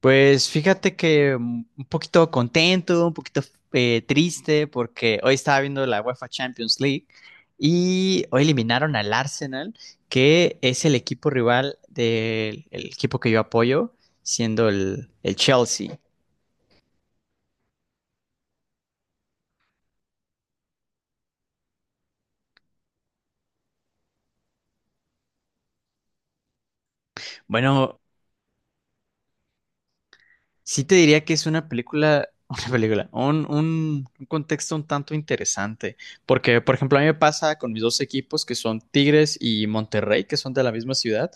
Pues fíjate que un poquito contento, un poquito triste, porque hoy estaba viendo la UEFA Champions League y hoy eliminaron al Arsenal, que es el equipo rival del el equipo que yo apoyo, siendo el Chelsea. Bueno, sí te diría que es una película, una película, un contexto un tanto interesante, porque por ejemplo a mí me pasa con mis dos equipos que son Tigres y Monterrey, que son de la misma ciudad,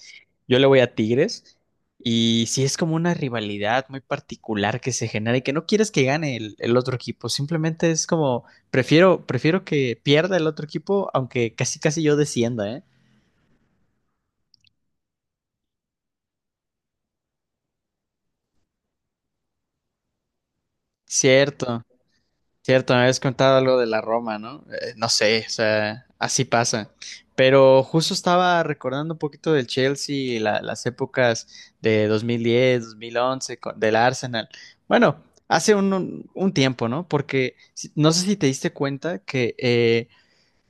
yo le voy a Tigres y sí es como una rivalidad muy particular que se genera y que no quieres que gane el otro equipo, simplemente es como, prefiero, prefiero que pierda el otro equipo, aunque casi casi yo descienda, ¿eh? Cierto. Cierto, me habías contado algo de la Roma, ¿no? No sé, o sea, así pasa. Pero justo estaba recordando un poquito del Chelsea, y las épocas de 2010, 2011, del Arsenal. Bueno, hace un tiempo, ¿no? Porque no sé si te diste cuenta que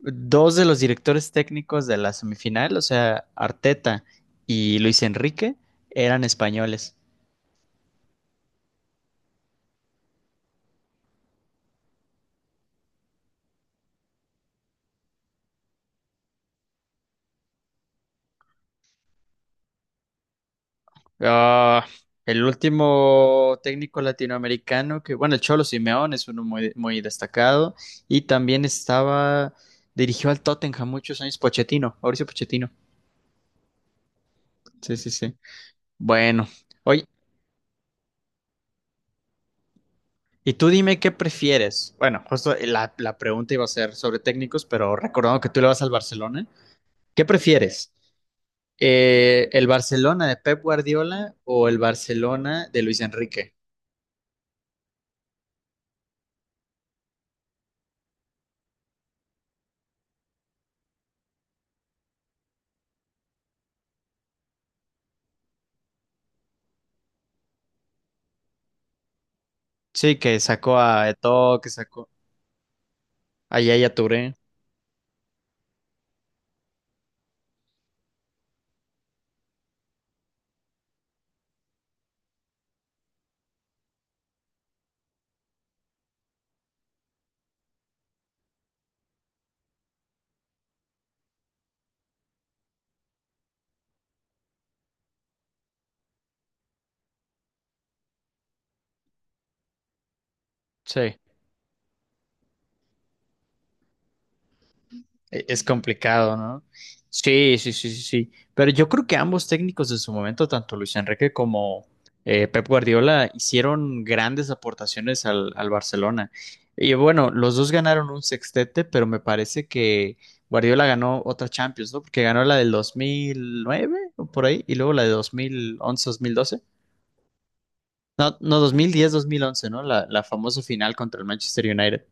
dos de los directores técnicos de la semifinal, o sea, Arteta y Luis Enrique, eran españoles. Ah, el último técnico latinoamericano que, bueno, el Cholo Simeone es uno muy, muy destacado y también estaba, dirigió al Tottenham muchos años, Pochettino, Mauricio Pochettino. Sí, sí, sí. Bueno, oye, y tú dime qué prefieres. Bueno, justo la pregunta iba a ser sobre técnicos, pero recordando que tú le vas al Barcelona, ¿qué prefieres? ¿el Barcelona de Pep Guardiola o el Barcelona de Luis Enrique? Sí, que sacó a Eto'o, que sacó a Yaya Touré. Sí. Es complicado, ¿no? Sí, sí, sí, sí, sí. Pero yo creo que ambos técnicos en su momento, tanto Luis Enrique como Pep Guardiola, hicieron grandes aportaciones al Barcelona. Y bueno, los dos ganaron un sextete, pero me parece que Guardiola ganó otra Champions, ¿no? Porque ganó la del 2009 o por ahí, y luego la de dos mil once, dos mil doce. No, no, dos mil diez, dos mil once, ¿no? La famosa final contra el Manchester United.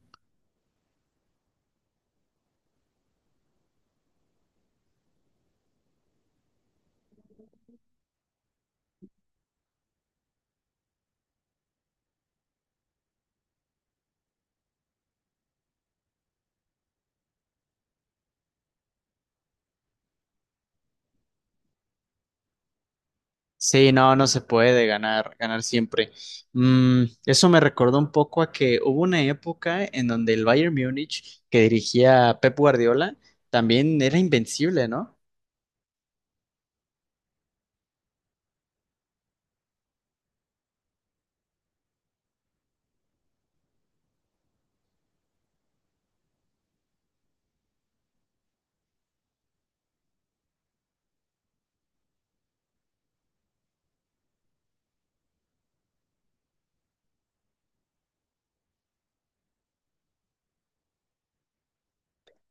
Sí, no, no se puede ganar, ganar siempre. Mm, eso me recordó un poco a que hubo una época en donde el Bayern Múnich, que dirigía Pep Guardiola, también era invencible, ¿no?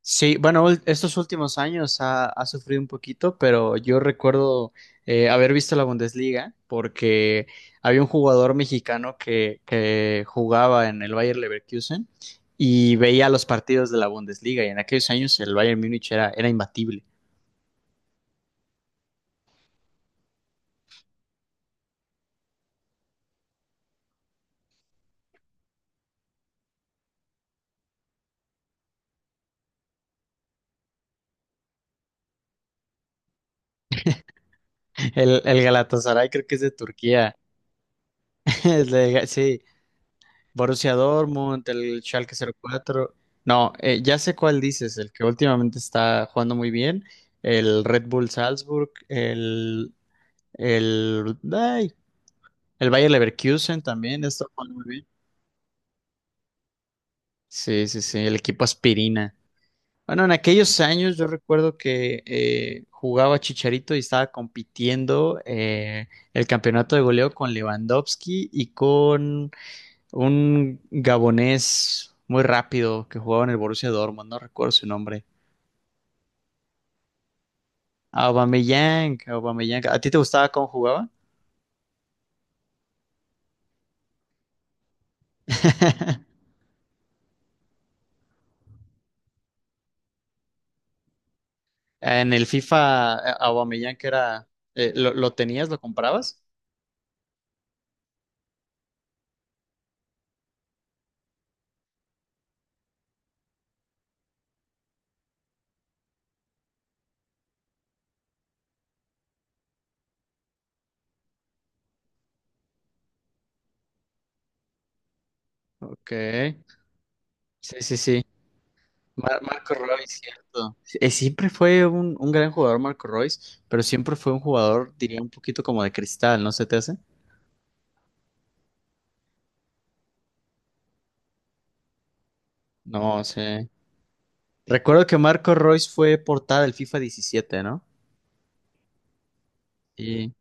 Sí, bueno, estos últimos años ha, ha sufrido un poquito, pero yo recuerdo haber visto la Bundesliga porque había un jugador mexicano que jugaba en el Bayern Leverkusen y veía los partidos de la Bundesliga y en aquellos años el Bayern Múnich era, era imbatible. El Galatasaray creo que es de Turquía. El sí, Borussia Dortmund, el Schalke cero cuatro. No, ya sé cuál dices, el que últimamente está jugando muy bien, el Red Bull Salzburg, el, ay, el Bayer Leverkusen también está jugando muy bien. Sí, sí, sí, el equipo aspirina. Bueno, en aquellos años yo recuerdo que jugaba Chicharito y estaba compitiendo el campeonato de goleo con Lewandowski y con un gabonés muy rápido que jugaba en el Borussia Dortmund, no recuerdo su nombre. Aubameyang, Aubameyang. ¿A ti te gustaba cómo jugaba? En el FIFA, Aubameyang que era… ¿Lo tenías? ¿Lo comprabas? Ok. Sí, sí, sí. Marco Royce, cierto. Sí, eh, siempre fue un gran jugador Marco Royce, pero siempre fue un jugador, diría, un poquito como de cristal, ¿no se te hace? No sé. Recuerdo que Marco Royce fue portada del FIFA diecisiete, ¿no? Sí.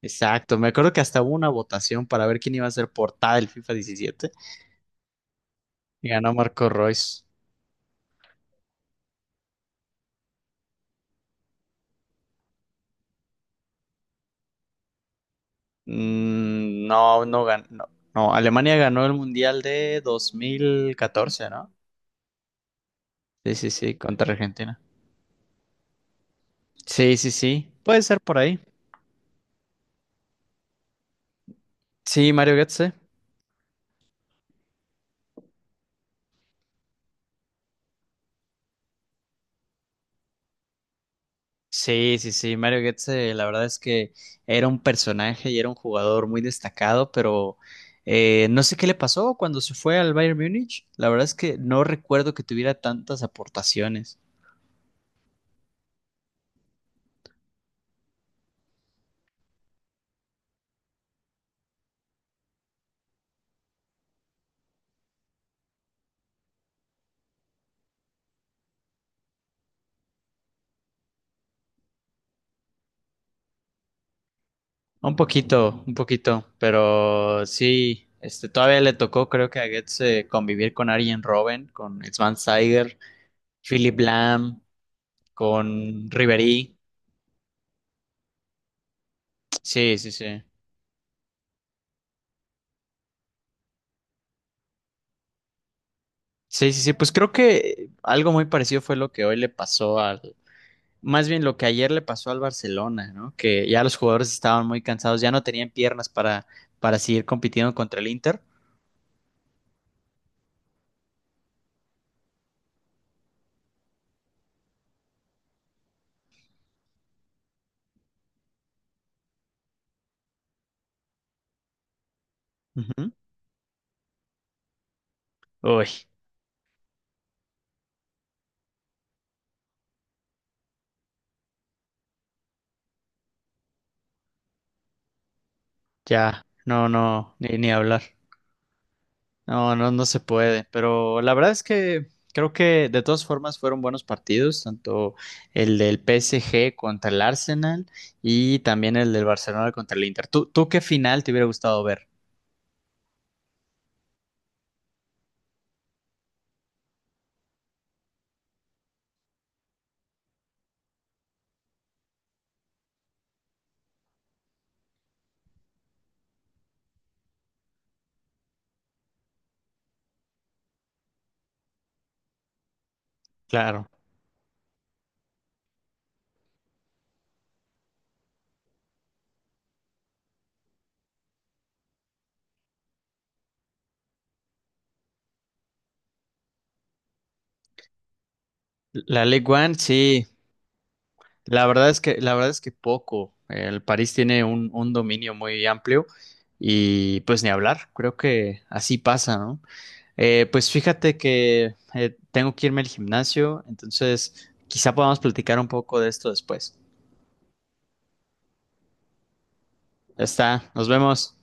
Exacto, me acuerdo que hasta hubo una votación para ver quién iba a ser portada del FIFA diecisiete y ganó Marco Royce. Mm, no, no ganó. No, no, Alemania ganó el Mundial de 2014, ¿no? Sí, sí, sí, contra Argentina. Sí, sí, sí, puede ser por ahí. Sí, Mario Götze. Sí, sí, sí, Mario Götze, la verdad es que era un personaje y era un jugador muy destacado, pero no sé qué le pasó cuando se fue al Bayern Múnich. La verdad es que no recuerdo que tuviera tantas aportaciones. Un poquito, pero sí, este, todavía le tocó, creo que a Goetz convivir con Arjen Robben, con Sven Saiger, Philip Lahm, con Ribery. Sí, sí, sí. Sí, sí, sí, pues creo que algo muy parecido fue lo que hoy le pasó al, más bien lo que ayer le pasó al Barcelona, ¿no? Que ya los jugadores estaban muy cansados, ya no tenían piernas para seguir compitiendo contra el Inter. Ujú. Uy, ya, no, no, ni, ni hablar. No, no, no se puede, pero la verdad es que creo que de todas formas fueron buenos partidos, tanto el del PSG contra el Arsenal y también el del Barcelona contra el Inter. ¿Tú qué final te hubiera gustado ver? Claro. La League One, sí. La verdad es que, la verdad es que poco. El París tiene un dominio muy amplio y pues ni hablar, creo que así pasa, ¿no? Pues fíjate que tengo que irme al gimnasio, entonces quizá podamos platicar un poco de esto después. Ya está, nos vemos.